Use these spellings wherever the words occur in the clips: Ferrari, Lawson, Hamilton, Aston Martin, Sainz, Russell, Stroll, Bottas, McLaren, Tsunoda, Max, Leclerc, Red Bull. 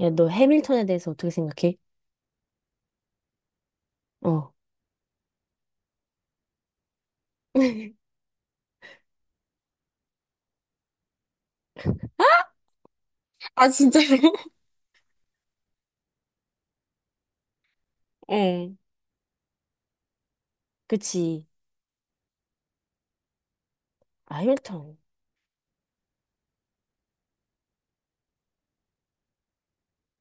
야, 너 해밀턴에 대해서 어떻게 생각해? 어. 응. 그치. 아, 해밀턴.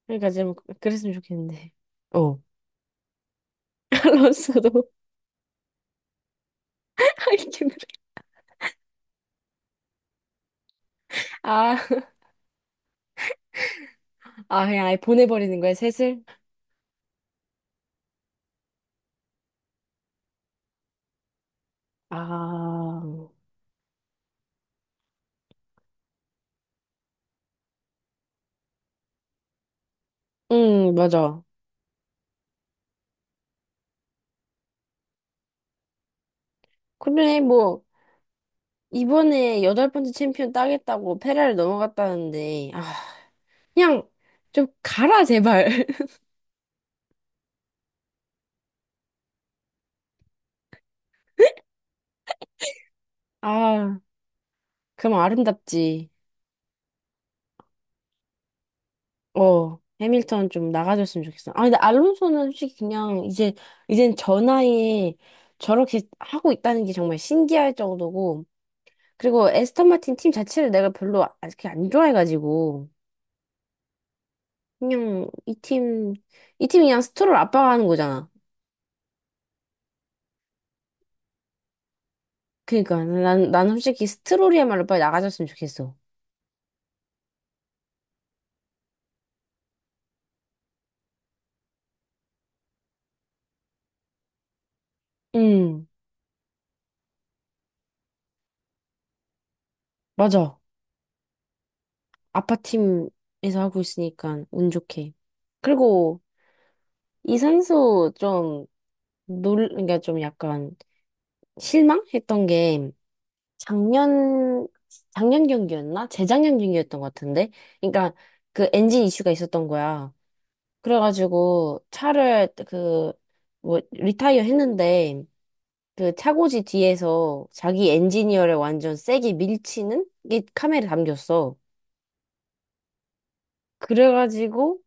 그러니까 좀 그랬으면 좋겠는데. 어. 알론소도 하이킹을. 아, 아, 그냥 아예 보내버리는 거야, 셋을? 아, 맞아. 그래, 뭐, 이번에 여덟 번째 챔피언 따겠다고 페라를 넘어갔다는데, 아, 그냥 좀 가라, 제발. 아, 그럼 아름답지. 어, 해밀턴 좀 나가줬으면 좋겠어. 아, 근데 알론소는 솔직히 그냥 이제, 이젠 저 나이에 저렇게 하고 있다는 게 정말 신기할 정도고, 그리고 에스턴 마틴 팀 자체를 내가 별로 아- 그렇게 안 좋아해가지고, 그냥 이 팀이 그냥 스트롤 아빠가하는 거잖아. 그니까, 난, 솔직히 스트롤이야말로 빨리 나가줬으면 좋겠어. 응, 맞아. 아빠 팀에서 하고 있으니까 운 좋게. 그리고 이 선수 좀 그러니까 좀 약간 실망했던 게 작년, 작년, 경기였나? 재작년 경기였던 것 같은데? 그러니까 그 엔진 이슈가 있었던 거야. 그래가지고 차를 그, 뭐, 리타이어 했는데 그 차고지 뒤에서 자기 엔지니어를 완전 세게 밀치는 게 카메라에 담겼어. 그래가지고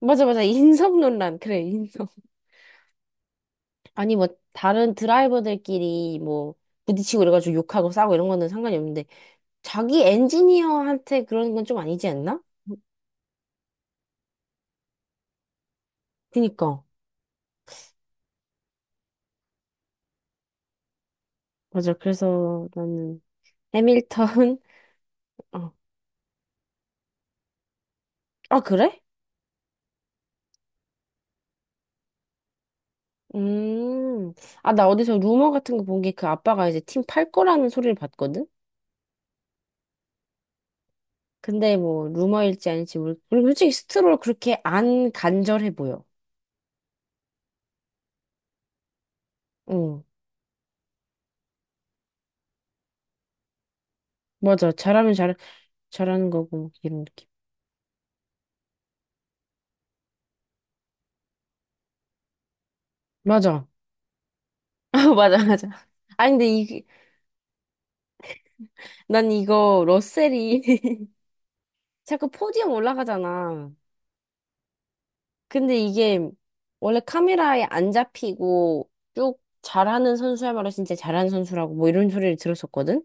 맞아, 맞아. 인성 논란. 그래, 인성. 아니, 뭐, 다른 드라이버들끼리 뭐, 부딪히고 이래가지고 욕하고 싸우고 이런 거는 상관이 없는데, 자기 엔지니어한테 그런 건 좀 아니지 않나? 그니까. 맞아. 그래서 나는 해밀턴. 어. 아, 그래? 음. 아, 나 어디서 루머 같은 거 본 게 그 아빠가 이제 팀 팔 거라는 소리를 봤거든? 근데 뭐 루머일지 아닐지 모르 그리고 솔직히 스트롤 그렇게 안 간절해 보여. 응. 맞아. 잘하면 잘하는 거고, 이런 느낌. 맞아. 아, 맞아, 맞아. 아니, 근데 난 이거 러셀이 자꾸 포디움 올라가잖아. 근데 이게 원래 카메라에 안 잡히고 쭉 잘하는 선수야말로 진짜 잘하는 선수라고 뭐 이런 소리를 들었었거든?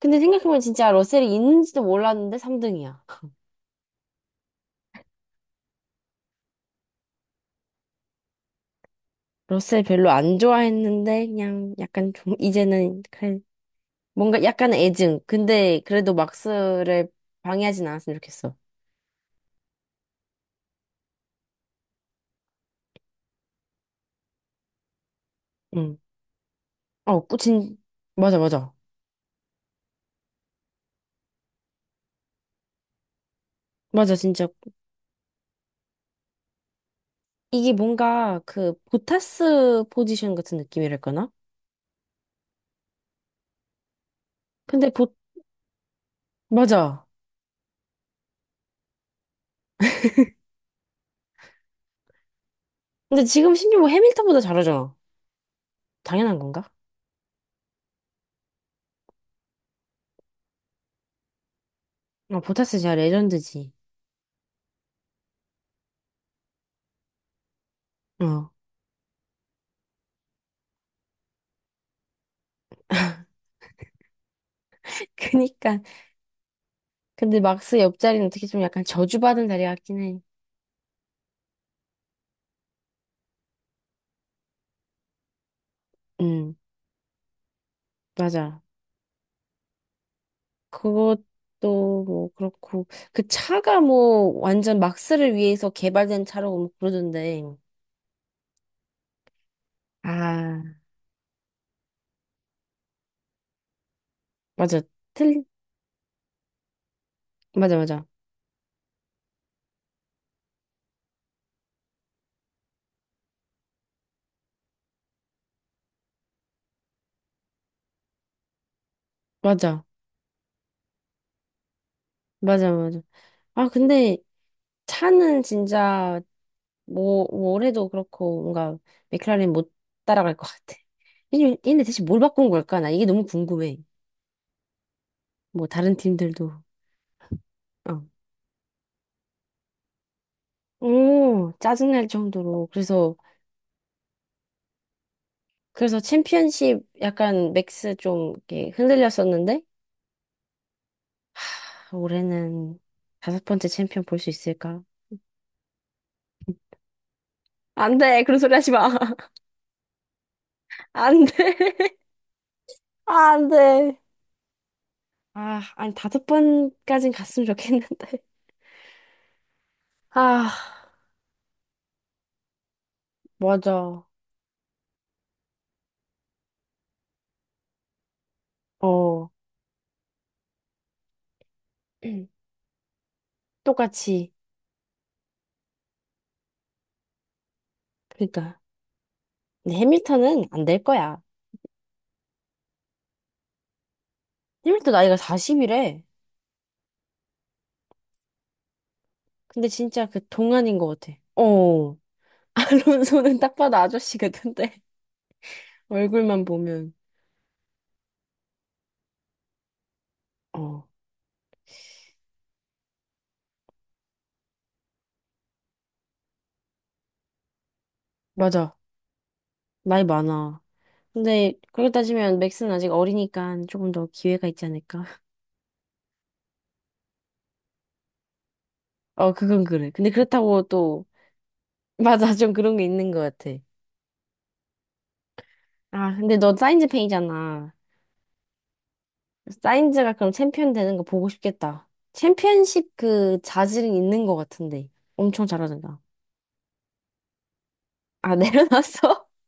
근데 생각해보면 진짜 러셀이 있는지도 몰랐는데 3등이야. 러셀 별로 안 좋아했는데 그냥 약간 좀 이제는 그래 뭔가 약간 애증. 근데 그래도 막스를 방해하진 않았으면 좋겠어. 응. 어, 꾸친 맞아 맞아. 맞아 진짜 이게 뭔가 그 보타스 포지션 같은 느낌이랄까나? 근데 보 맞아. 근데 지금 신규 호 해밀턴보다 잘하잖아. 당연한 건가? 어, 보타스 진짜 레전드지. 어. 그니까. 근데 막스 옆자리는 어떻게 좀 약간 저주받은 자리 같긴 해. 음, 맞아. 그것도 뭐 그렇고. 그 차가 뭐 완전 막스를 위해서 개발된 차라고 뭐 그러던데. 아, 맞아. 틀, 맞아, 맞아. 맞아. 맞아, 맞아. 아, 근데 차는 진짜 뭐, 올해도 그렇고 뭔가 맥클라렌 못 따라갈 것 같아. 얘네, 대체 뭘 바꾼 걸까? 나 이게 너무 궁금해. 뭐 다른 팀들도. 어. 오, 짜증날 정도로. 그래서 챔피언십 약간 맥스 좀 이렇게 흔들렸었는데 하, 올해는 다섯 번째 챔피언 볼 수 있을까? 안 돼. 그런 소리 하지 마. 안 돼. 아, 안 돼. 아, 아니 다섯 번까진 갔으면 좋겠는데. 아, 맞아. 어. 똑같이. 그러니까. 근데 해밀턴은 안 될 거야. 해밀턴 나이가 40이래. 근데 진짜 그 동안인 것 같아. 어. 알론소는 딱 봐도 아저씨 같은데. 얼굴만 보면. 어. 맞아. 나이 많아. 근데 그렇게 따지면 맥스는 아직 어리니까 조금 더 기회가 있지 않을까? 어, 그건 그래. 근데 그렇다고 또 맞아. 좀 그런 게 있는 것 같아. 아, 근데 너 사인즈 팬이잖아. 사인즈가 그럼 챔피언 되는 거 보고 싶겠다. 챔피언십 그 자질은 있는 것 같은데. 엄청 잘하잖아. 아, 내려놨어?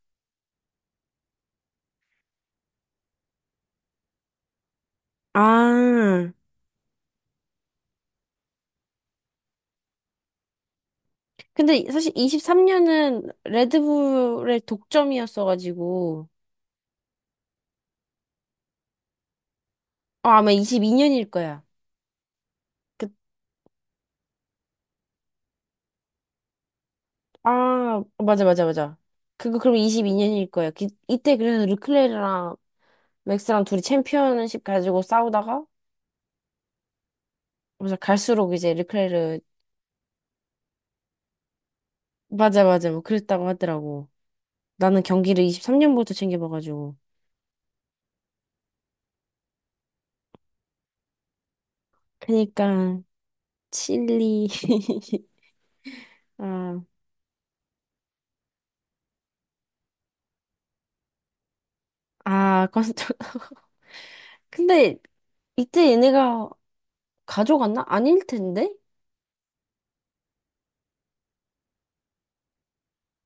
아, 근데 사실 23년은 레드불의 독점이었어가지고, 어, 아마 22년일 거야. 그, 아, 맞아, 맞아, 맞아. 그거 그럼 22년일 거야. 이때 그래서 르클레르랑 맥스랑 둘이 챔피언십 가지고 싸우다가, 맞아, 갈수록 이제 르클레르, 맞아, 맞아, 뭐 그랬다고 하더라고. 나는 경기를 23년부터 챙겨봐가지고. 그니까, 칠리. 아, 아, 컨 근데 이때 얘네가 가져갔나? 아닐 텐데?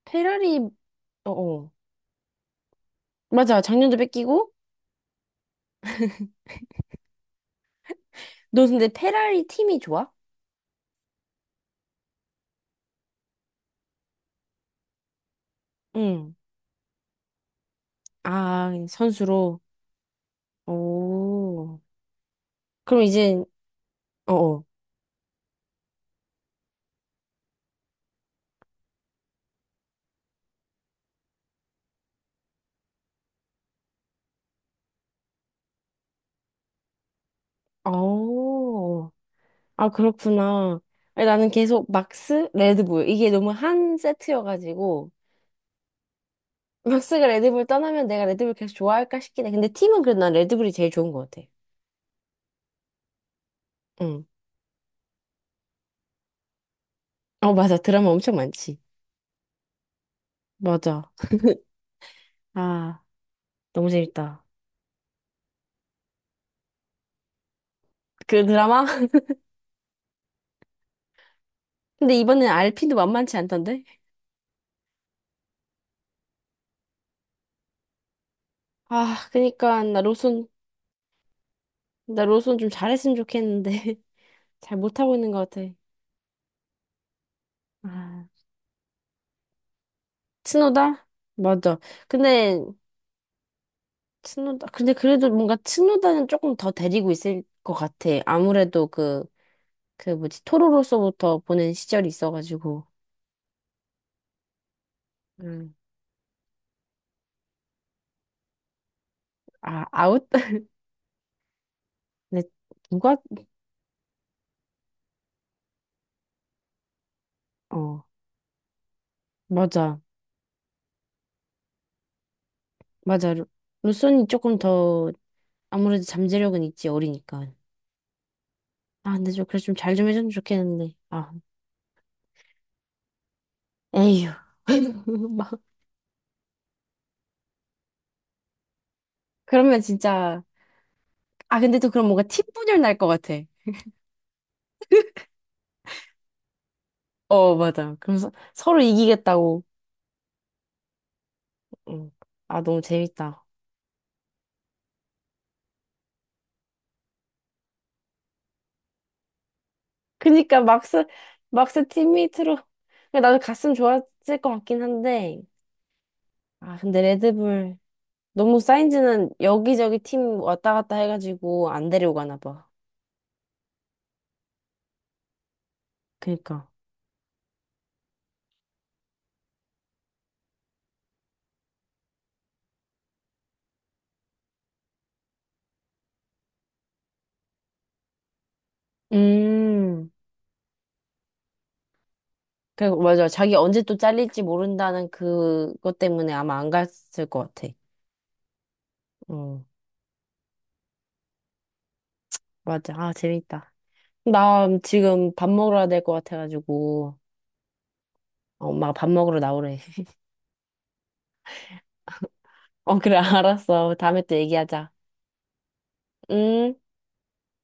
페라리, 어, 어. 맞아. 작년도 뺏기고. 너 근데 페라리 팀이 좋아? 응. 아, 선수로. 오. 그럼 이제, 어, 어. 어. 아, 그렇구나. 아니, 나는 계속 막스, 레드불. 이게 너무 한 세트여가지고. 막스가 레드불 떠나면 내가 레드불 계속 좋아할까 싶긴 해. 근데 팀은 그래도 난 레드불이 제일 좋은 것 같아. 응. 어, 맞아. 드라마 엄청 많지. 맞아. 아. 너무 재밌다. 그 드라마? 근데 이번엔 알핀도 만만치 않던데? 아, 그니까 나 로손 좀 잘했으면 좋겠는데 잘 못하고 있는 것 같아. 아, 츠노다? 맞아. 근데 츠노다 근데 그래도 뭔가 츠노다는 조금 더 데리고 있을 것 같아. 아무래도 그 뭐지 토로로서부터 보낸 시절이 있어가지고. 음. 아 아웃? 근데 누가 어 맞아 맞아 루손이 조금 더 아무래도 잠재력은 있지 어리니까. 아, 근데 좀, 그래, 좀 잘 좀 해줬으면 좋겠는데. 아, 에휴. 막, 그러면 진짜, 아, 근데 또 그럼 뭔가 팀 분열 날 것 같아. 어, 맞아. 그래서 서로 이기겠다고. 응. 아, 너무 재밌다. 그니까 막스 팀메이트로. 그러니까 나도 갔으면 좋았을 것 같긴 한데. 아, 근데 레드불. 너무 사인즈는 여기저기 팀 왔다 갔다 해가지고 안 데려가나 봐. 그니까. 음. 그, 맞아. 자기 언제 또 잘릴지 모른다는 그것 때문에 아마 안 갔을 것 같아. 어, 맞아. 아, 재밌다. 나 지금 밥 먹으러 될 것 같아가지고, 엄마가 밥 먹으러 나오래. 어, 그래, 알았어. 다음에 또 얘기하자. 응?